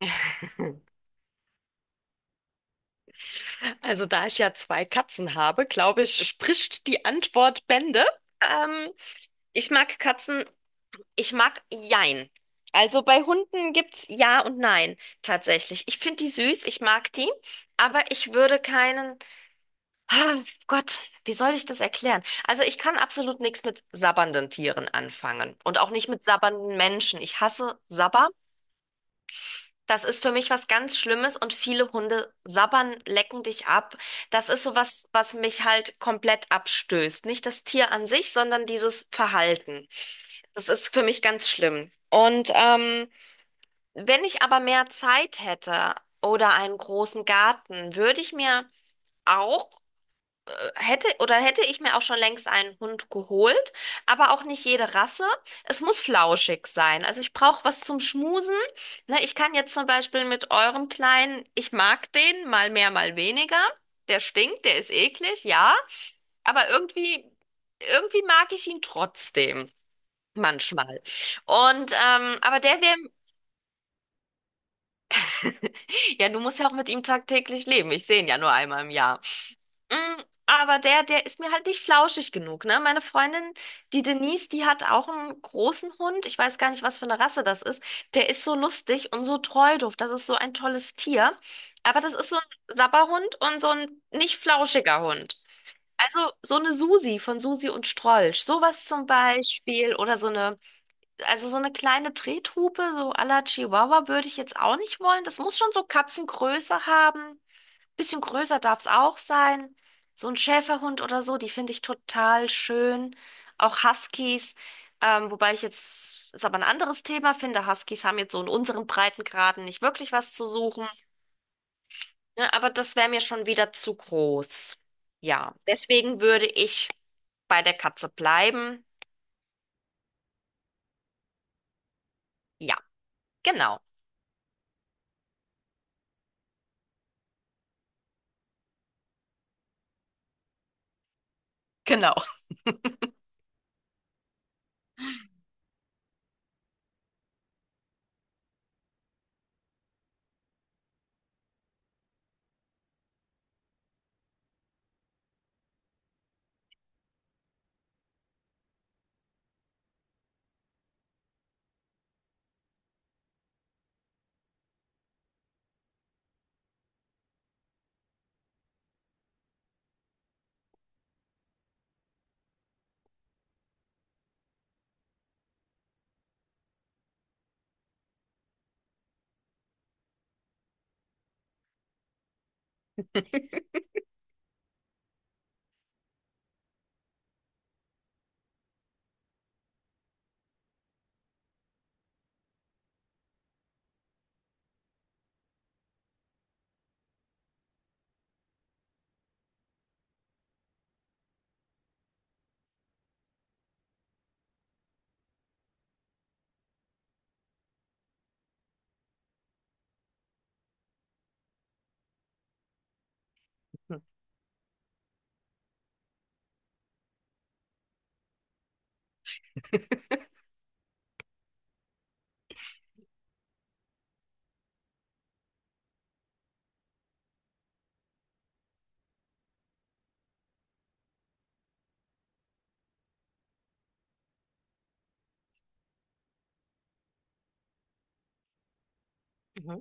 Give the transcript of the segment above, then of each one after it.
Also da ich ja zwei Katzen habe, glaube ich, spricht die Antwort Bände. Ähm, Ich mag Katzen, ich mag Jein. Also bei Hunden gibt's Ja und Nein tatsächlich. Ich finde die süß, ich mag die, aber ich würde keinen. Ah, Gott, wie soll ich das erklären? Also ich kann absolut nichts mit sabbernden Tieren anfangen und auch nicht mit sabbernden Menschen. Ich hasse Sabber. Das ist für mich was ganz Schlimmes, und viele Hunde sabbern, lecken dich ab. Das ist so was, was mich halt komplett abstößt. Nicht das Tier an sich, sondern dieses Verhalten. Das ist für mich ganz schlimm. Und wenn ich aber mehr Zeit hätte oder einen großen Garten, würde ich mir auch hätte oder hätte ich mir auch schon längst einen Hund geholt, aber auch nicht jede Rasse. Es muss flauschig sein. Also ich brauche was zum Schmusen. Ne, ich kann jetzt zum Beispiel mit eurem Kleinen, ich mag den, mal mehr, mal weniger. Der stinkt, der ist eklig, ja. Aber irgendwie mag ich ihn trotzdem. Manchmal. Und, aber der wäre, ja, du musst ja auch mit ihm tagtäglich leben. Ich sehe ihn ja nur einmal im Jahr. Mm, Aber der ist mir halt nicht flauschig genug, ne? Meine Freundin, die Denise, die hat auch einen großen Hund. Ich weiß gar nicht, was für eine Rasse das ist. Der ist so lustig und so treudof. Das ist so ein tolles Tier. Aber das ist so ein Sabberhund und so ein nicht flauschiger Hund. Also so eine Susi von Susi und Strolch. Sowas zum Beispiel. Oder so eine, also so eine kleine Trethupe, so à la Chihuahua würde ich jetzt auch nicht wollen. Das muss schon so Katzengröße haben, bisschen größer darf es auch sein. So ein Schäferhund oder so, die finde ich total schön. Auch Huskies, wobei ich jetzt, ist aber ein anderes Thema, finde, Huskies haben jetzt so in unseren Breitengraden nicht wirklich was zu suchen. Ne, aber das wäre mir schon wieder zu groß. Ja, deswegen würde ich bei der Katze bleiben. Ja, genau, genau. Mhm.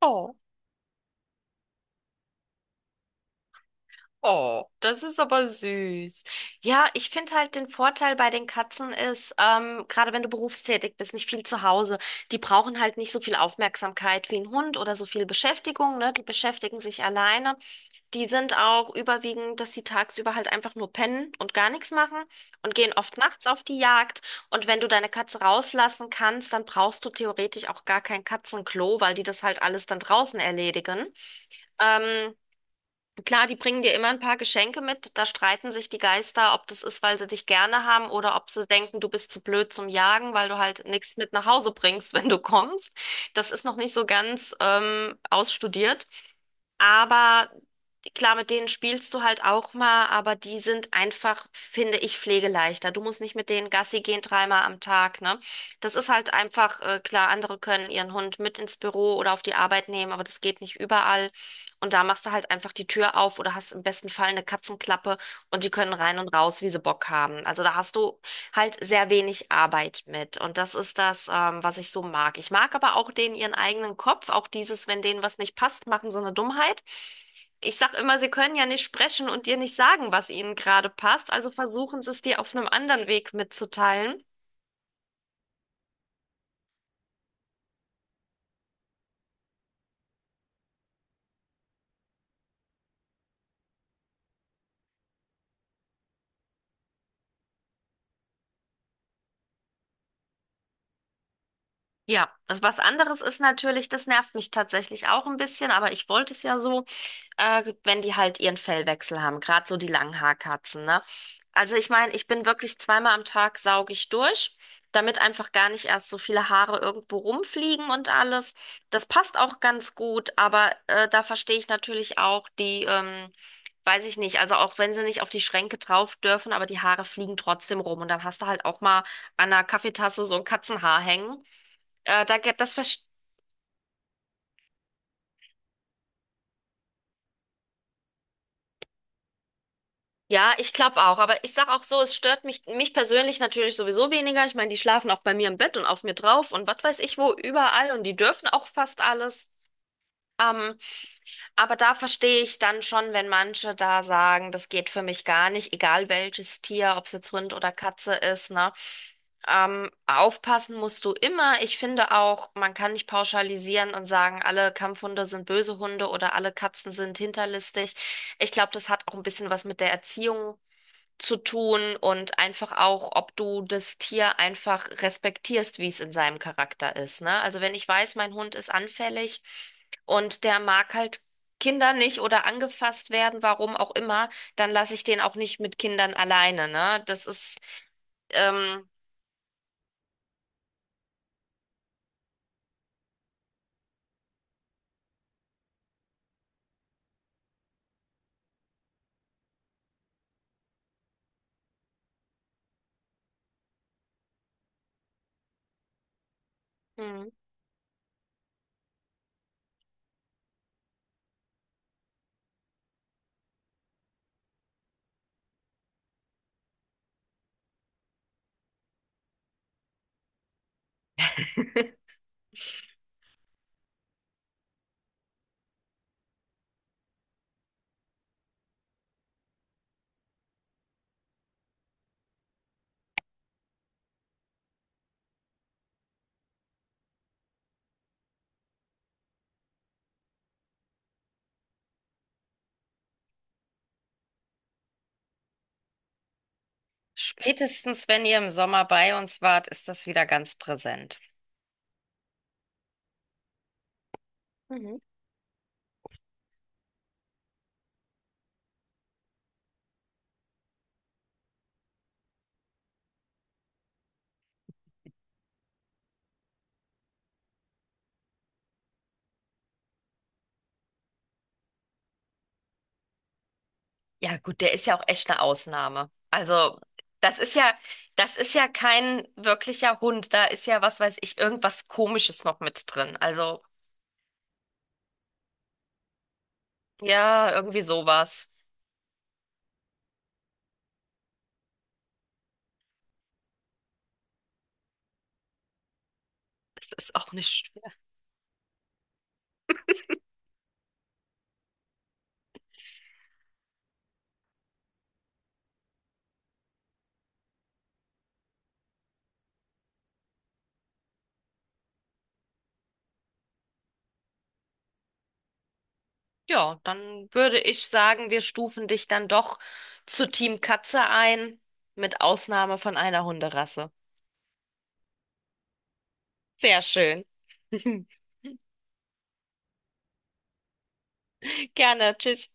Oh. Oh, das ist aber süß. Ja, ich finde halt, den Vorteil bei den Katzen ist, gerade wenn du berufstätig bist, nicht viel zu Hause, die brauchen halt nicht so viel Aufmerksamkeit wie ein Hund oder so viel Beschäftigung, ne? Die beschäftigen sich alleine. Die sind auch überwiegend, dass sie tagsüber halt einfach nur pennen und gar nichts machen und gehen oft nachts auf die Jagd. Und wenn du deine Katze rauslassen kannst, dann brauchst du theoretisch auch gar kein Katzenklo, weil die das halt alles dann draußen erledigen. Ähm, Klar, die bringen dir immer ein paar Geschenke mit. Da streiten sich die Geister, ob das ist, weil sie dich gerne haben, oder ob sie denken, du bist zu blöd zum Jagen, weil du halt nichts mit nach Hause bringst, wenn du kommst. Das ist noch nicht so ganz ausstudiert. Aber klar, mit denen spielst du halt auch mal, aber die sind einfach, finde ich, pflegeleichter. Du musst nicht mit denen Gassi gehen dreimal am Tag, ne? Das ist halt einfach, klar, andere können ihren Hund mit ins Büro oder auf die Arbeit nehmen, aber das geht nicht überall. Und da machst du halt einfach die Tür auf oder hast im besten Fall eine Katzenklappe, und die können rein und raus, wie sie Bock haben. Also da hast du halt sehr wenig Arbeit mit. Und das ist das, was ich so mag. Ich mag aber auch denen ihren eigenen Kopf, auch dieses, wenn denen was nicht passt, machen so eine Dummheit. Ich sag immer, sie können ja nicht sprechen und dir nicht sagen, was ihnen gerade passt, also versuchen sie es dir auf einem anderen Weg mitzuteilen. Ja, das was anderes ist natürlich, das nervt mich tatsächlich auch ein bisschen, aber ich wollte es ja so, wenn die halt ihren Fellwechsel haben, gerade so die Langhaarkatzen, ne? Also ich meine, ich bin wirklich, zweimal am Tag sauge ich durch, damit einfach gar nicht erst so viele Haare irgendwo rumfliegen und alles. Das passt auch ganz gut, aber da verstehe ich natürlich auch die, weiß ich nicht, also auch wenn sie nicht auf die Schränke drauf dürfen, aber die Haare fliegen trotzdem rum, und dann hast du halt auch mal an einer Kaffeetasse so ein Katzenhaar hängen. Da, ge- das verst- ja, ich glaube auch, aber ich sag auch so, es stört mich, mich persönlich natürlich sowieso weniger. Ich meine, die schlafen auch bei mir im Bett und auf mir drauf und was weiß ich wo, überall, und die dürfen auch fast alles. Ähm, Aber da verstehe ich dann schon, wenn manche da sagen, das geht für mich gar nicht, egal welches Tier, ob es jetzt Hund oder Katze ist, ne? Aufpassen musst du immer. Ich finde auch, man kann nicht pauschalisieren und sagen, alle Kampfhunde sind böse Hunde oder alle Katzen sind hinterlistig. Ich glaube, das hat auch ein bisschen was mit der Erziehung zu tun und einfach auch, ob du das Tier einfach respektierst, wie es in seinem Charakter ist, ne? Also wenn ich weiß, mein Hund ist anfällig und der mag halt Kinder nicht oder angefasst werden, warum auch immer, dann lasse ich den auch nicht mit Kindern alleine, ne? Das ist, ähm, Mhm. Spätestens wenn ihr im Sommer bei uns wart, ist das wieder ganz präsent. Mhm. Ja, gut, der ist ja auch echt eine Ausnahme. Also, das ist ja, das ist ja kein wirklicher Hund. Da ist ja, was weiß ich, irgendwas Komisches noch mit drin. Also, ja, irgendwie sowas. Es ist auch nicht. Ja, dann würde ich sagen, wir stufen dich dann doch zu Team Katze ein, mit Ausnahme von einer Hunderasse. Sehr schön. Gerne, tschüss.